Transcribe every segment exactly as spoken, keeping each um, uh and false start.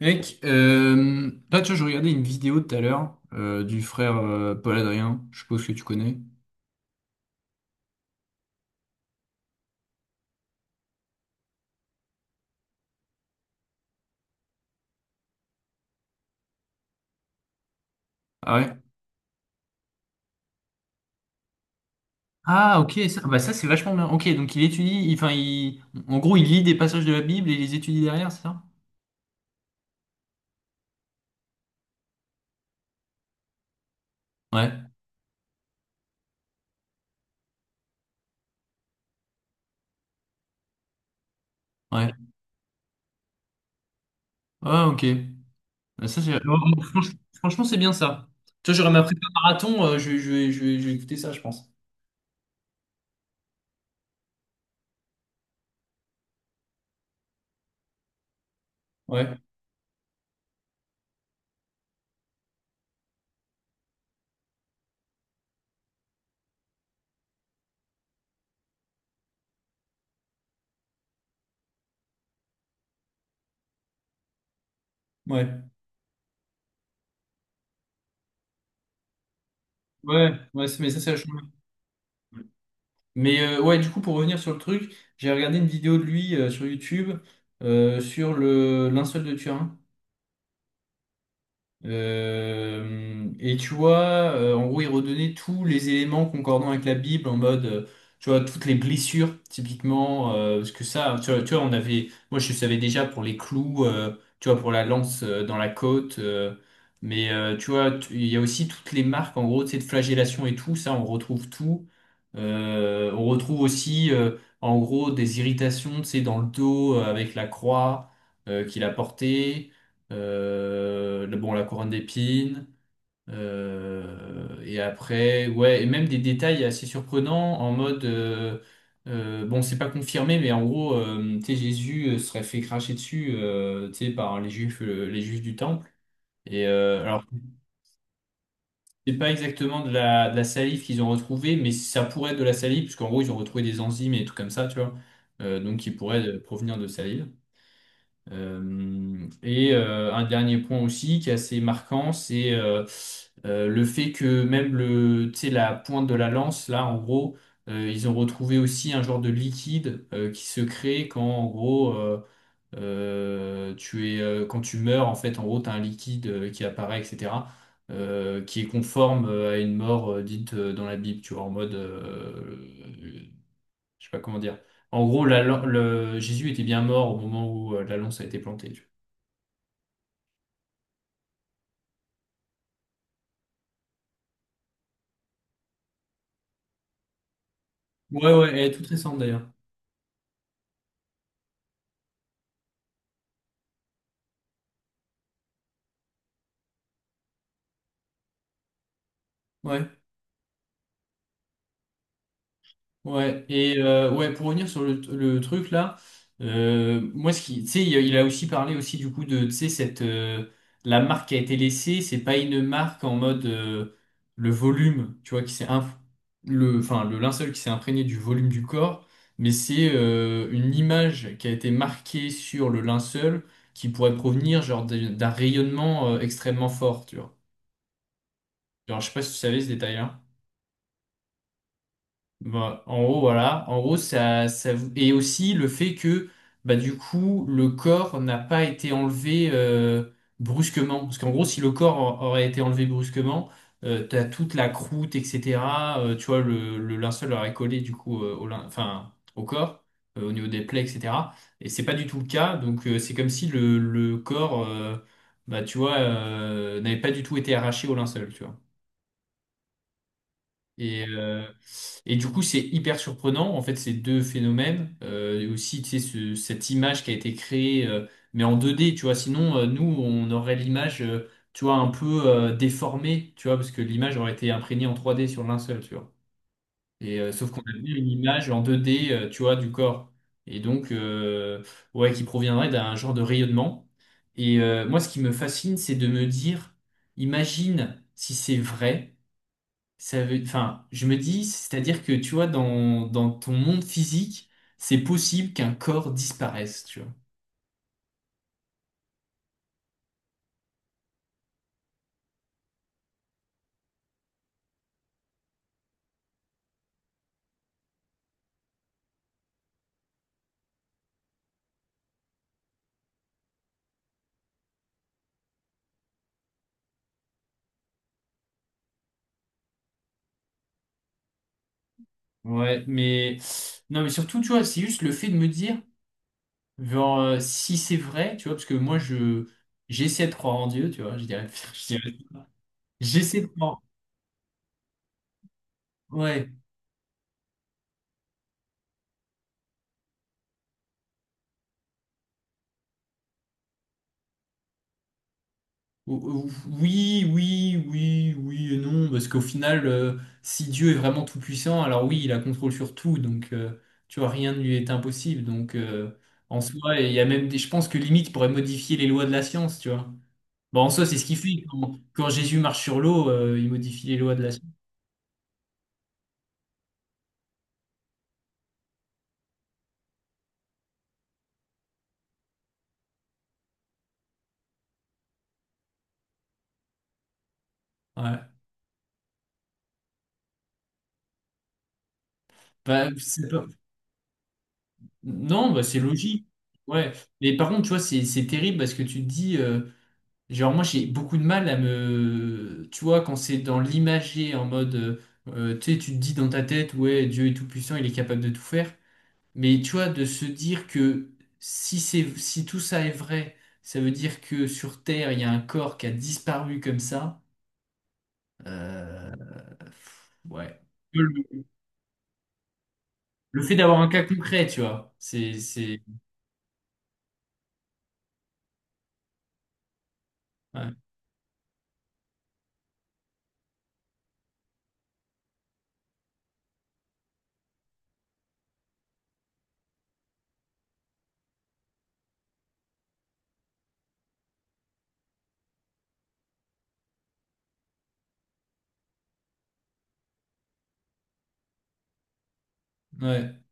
Mec, euh, là, tu vois, je regardais une vidéo tout à l'heure euh, du frère euh, Paul Adrien. Je suppose que tu connais. Ah ouais? Ah, ok, ça, bah ça, c'est vachement bien. Ok, donc il étudie, il- enfin, il, en gros, il lit des passages de la Bible et il les étudie derrière, c'est ça? Ouais, ouais. Ah, ok. Bah, ça, c'est- oh, oh, franch- franchement, c'est bien ça. Tu vois, j'aurais ma prépa marathon, euh, je, vais- je, vais- je, vais- je vais écouter ça, je pense. Ouais, ouais. Ouais, ouais, c'est- mais ça, c'est vachement bien. Mais euh, ouais, du coup, pour revenir sur le truc, j'ai regardé une vidéo de lui euh, sur YouTube euh, sur le linceul de Turin. Euh, et tu vois, euh, en gros, il redonnait tous les éléments concordants avec la Bible en mode, euh, tu vois, toutes les blessures, typiquement, euh, parce que ça, tu vois, tu vois, on avait, moi je savais déjà pour les clous, euh, tu vois, pour la lance euh, dans la côte, euh, mais euh, tu vois, tu- il y a aussi toutes les marques, en gros, tu sais, de flagellation et tout, ça, on retrouve tout. Euh, on retrouve aussi, euh, en gros, des irritations, tu sais, dans le dos euh, avec la croix euh, qu'il a portée, euh, le- bon, la couronne d'épines, euh, et après, ouais, et même des détails assez surprenants en mode, euh, euh, bon, c'est pas confirmé, mais en gros, euh, tu sais, Jésus euh, serait fait cracher dessus, euh, tu sais, par les juifs, euh, les juifs du temple. Et euh, alors, c'est pas exactement de la, de la salive qu'ils ont retrouvée, mais ça pourrait être de la salive, puisqu'en gros, ils ont retrouvé des enzymes et des trucs comme ça, tu vois, euh, donc qui pourraient euh, provenir de salive. Euh, et euh, un dernier point aussi qui est assez marquant, c'est euh, euh, le fait que même le, tu sais, la pointe de la lance, là, en gros, euh, ils ont retrouvé aussi un genre de liquide euh, qui se crée quand, en gros, euh, euh, tu es, euh, quand tu meurs, en fait, en gros, tu as un liquide euh, qui apparaît, et cetera, euh, qui est conforme euh, à une mort euh, dite euh, dans la Bible, tu vois, en mode, euh, je sais pas comment dire. En gros, la lan- le, Jésus était bien mort au moment où euh, la lance a été plantée, tu vois. Ouais, ouais, elle est toute récente d'ailleurs. Ouais, ouais. Et euh, ouais, pour revenir sur le, le truc là, euh, moi, ce qui, tu sais, il, a il a aussi parlé aussi du coup de, tu sais, cette, euh, la marque qui a été laissée, c'est pas une marque en mode euh, le volume, tu vois, qui s'est inf- le, enfin, le linceul qui s'est imprégné du volume du corps, mais c'est euh, une image qui a été marquée sur le linceul qui pourrait provenir genre d'un d'un rayonnement euh, extrêmement fort, tu vois. Genre, je sais pas si tu savais ce détail-là. Bah, en gros, voilà. En gros, ça, ça... vous- Et aussi le fait que, bah, du coup, le corps n'a pas été enlevé euh, brusquement. Parce qu'en gros, si le corps a- aurait été enlevé brusquement, euh, t'as toute la croûte, et cetera, euh, tu vois, le, le linceul aurait collé, du coup, euh, au, lin- enfin, au corps, euh, au niveau des plaies, et cetera. Et c'est pas du tout le cas. Donc, euh, c'est comme si le, le corps, euh, bah, tu vois, euh, n'avait pas du tout été arraché au linceul, tu vois. Et, euh, et du coup, c'est hyper surprenant, en fait, ces deux phénomènes. Euh, et aussi, tu sais, ce- cette image qui a été créée, euh, mais en deux D, tu vois. Sinon, euh, nous, on aurait l'image, euh, tu vois, un peu euh, déformée, tu vois, parce que l'image aurait été imprégnée en trois D sur le linceul, tu vois. Et euh, sauf qu'on a vu une image en deux D, euh, tu vois, du corps. Et donc, euh, ouais, qui proviendrait d'un genre de rayonnement. Et euh, moi, ce qui me fascine, c'est de me dire, imagine si c'est vrai. Ça veut, enfin, je me dis, c'est-à-dire que tu vois, dans, dans ton monde physique, c'est possible qu'un corps disparaisse, tu vois. Ouais, mais non, mais surtout, tu vois, c'est juste le fait de me dire, genre, euh, si c'est vrai, tu vois, parce que moi, je j'essaie de croire en Dieu, tu vois, je dirais, je dirais- j'essaie de croire, ouais, O- o- oui, oui, oui, oui et non, parce qu'au final, euh, si Dieu est vraiment tout-puissant, alors oui, il a contrôle sur tout, donc euh, tu vois, rien ne lui est impossible. Donc euh, en soi, il y a même des, je pense que limite, il pourrait modifier les lois de la science, tu vois. Bon, en soi, c'est ce qu'il fait. Quand, quand Jésus marche sur l'eau, euh, il modifie les lois de la science. Ouais. Bah, c'est pas- Non, bah, c'est logique. Ouais. Mais par contre, tu vois, c'est c'est terrible parce que tu te dis. euh, Genre, moi, j'ai beaucoup de mal à me. Tu vois, quand c'est dans l'imager, en mode. Euh, tu sais, tu te dis dans ta tête, ouais, Dieu est tout-puissant, il est capable de tout faire. Mais tu vois, de se dire que si c'est, si tout ça est vrai, ça veut dire que sur Terre, il y a un corps qui a disparu comme ça. euh, ouais. Le, le fait d'avoir un cas concret, tu vois, c'est. c'est- ouais. ouais.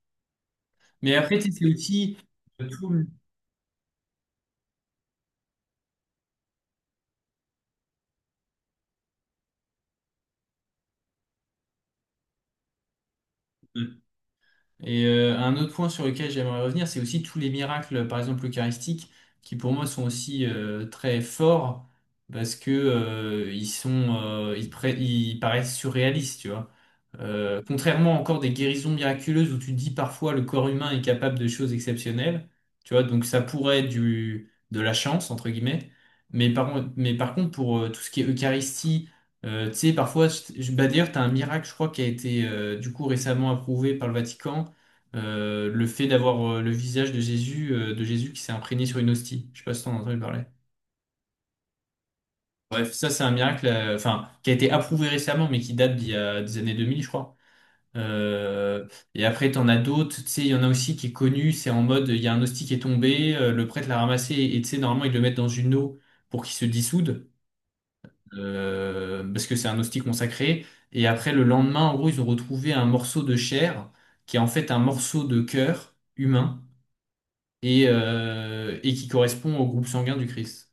Mais après, tu sais, c'est aussi. Euh, tout euh, Et euh, Un autre point sur lequel j'aimerais revenir, c'est aussi tous les miracles, par exemple eucharistiques, qui pour moi sont aussi euh, très forts parce que euh, ils sont, euh, ils, pré- ils paraissent surréalistes, tu vois. Euh, contrairement encore des guérisons miraculeuses où tu te dis parfois le corps humain est capable de choses exceptionnelles, tu vois. Donc ça pourrait être du de la chance entre guillemets, mais par contre- mais par contre pour euh, tout ce qui est Eucharistie, euh, tu sais, parfois, je- je- bah d'ailleurs, tu as un miracle, je crois, qui a été euh, du coup récemment approuvé par le Vatican, euh, le fait d'avoir euh, le visage de Jésus, euh, de Jésus qui s'est imprégné sur une hostie. Je sais pas si t'en as entendu parler. Bref, ça c'est un miracle, euh, enfin, qui a été approuvé récemment, mais qui date d'il y a des années deux mille, je crois. Euh, et après, t'en as d'autres, tu sais, il y en a aussi qui est connu, c'est en mode, il y a un hostie qui est tombé, euh, le prêtre l'a ramassé, et tu sais, normalement, ils le mettent dans une eau pour qu'il se dissoude, euh, parce que c'est un hostie consacré. Et après, le lendemain, en gros, ils ont retrouvé un morceau de chair, qui est en fait un morceau de cœur humain et, euh, et qui correspond au groupe sanguin du Christ.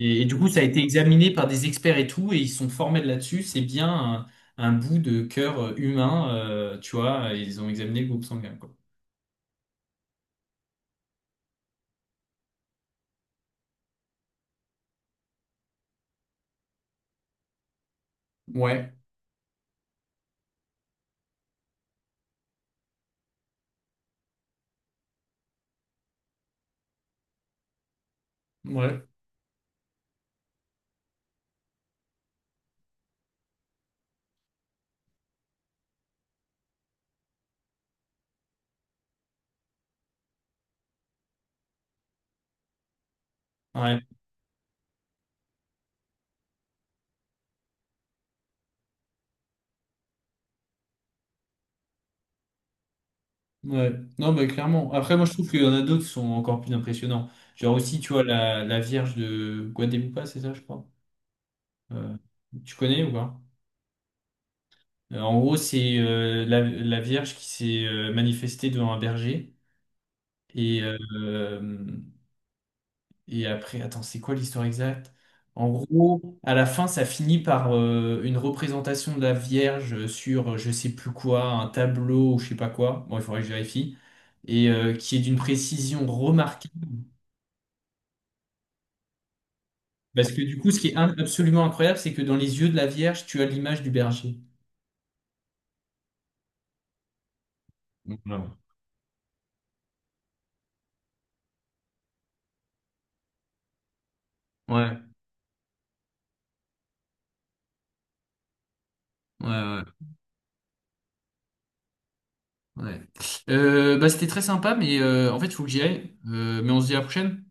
Et, et du coup, ça a été examiné par des experts et tout, et ils se sont formés de là-dessus. C'est bien un, un bout de cœur humain, euh, tu vois, et ils ont examiné le groupe sanguin, quoi. Ouais, ouais, ouais, ouais. Non, mais clairement. Après, moi, je trouve qu'il y en a d'autres qui sont encore plus impressionnants. Genre aussi, tu vois, la, la Vierge de Guadalupe, c'est ça, je crois. Euh, Tu connais ou pas? Euh, En gros, c'est euh, la, la Vierge qui s'est euh, manifestée devant un berger. Et, euh, Et après, attends, c'est quoi l'histoire exacte? En gros, à la fin, ça finit par euh, une représentation de la Vierge sur euh, je sais plus quoi, un tableau ou je sais pas quoi. Bon, il faudrait que je vérifie. Et euh, qui est d'une précision remarquable. Parce que du coup, ce qui est in- absolument incroyable, c'est que dans les yeux de la Vierge, tu as l'image du berger. Donc, non. Ouais, ouais, ouais, ouais. Euh, bah, c'était très sympa, mais euh, en fait, il faut que j'y aille. Euh, mais on se dit à la prochaine.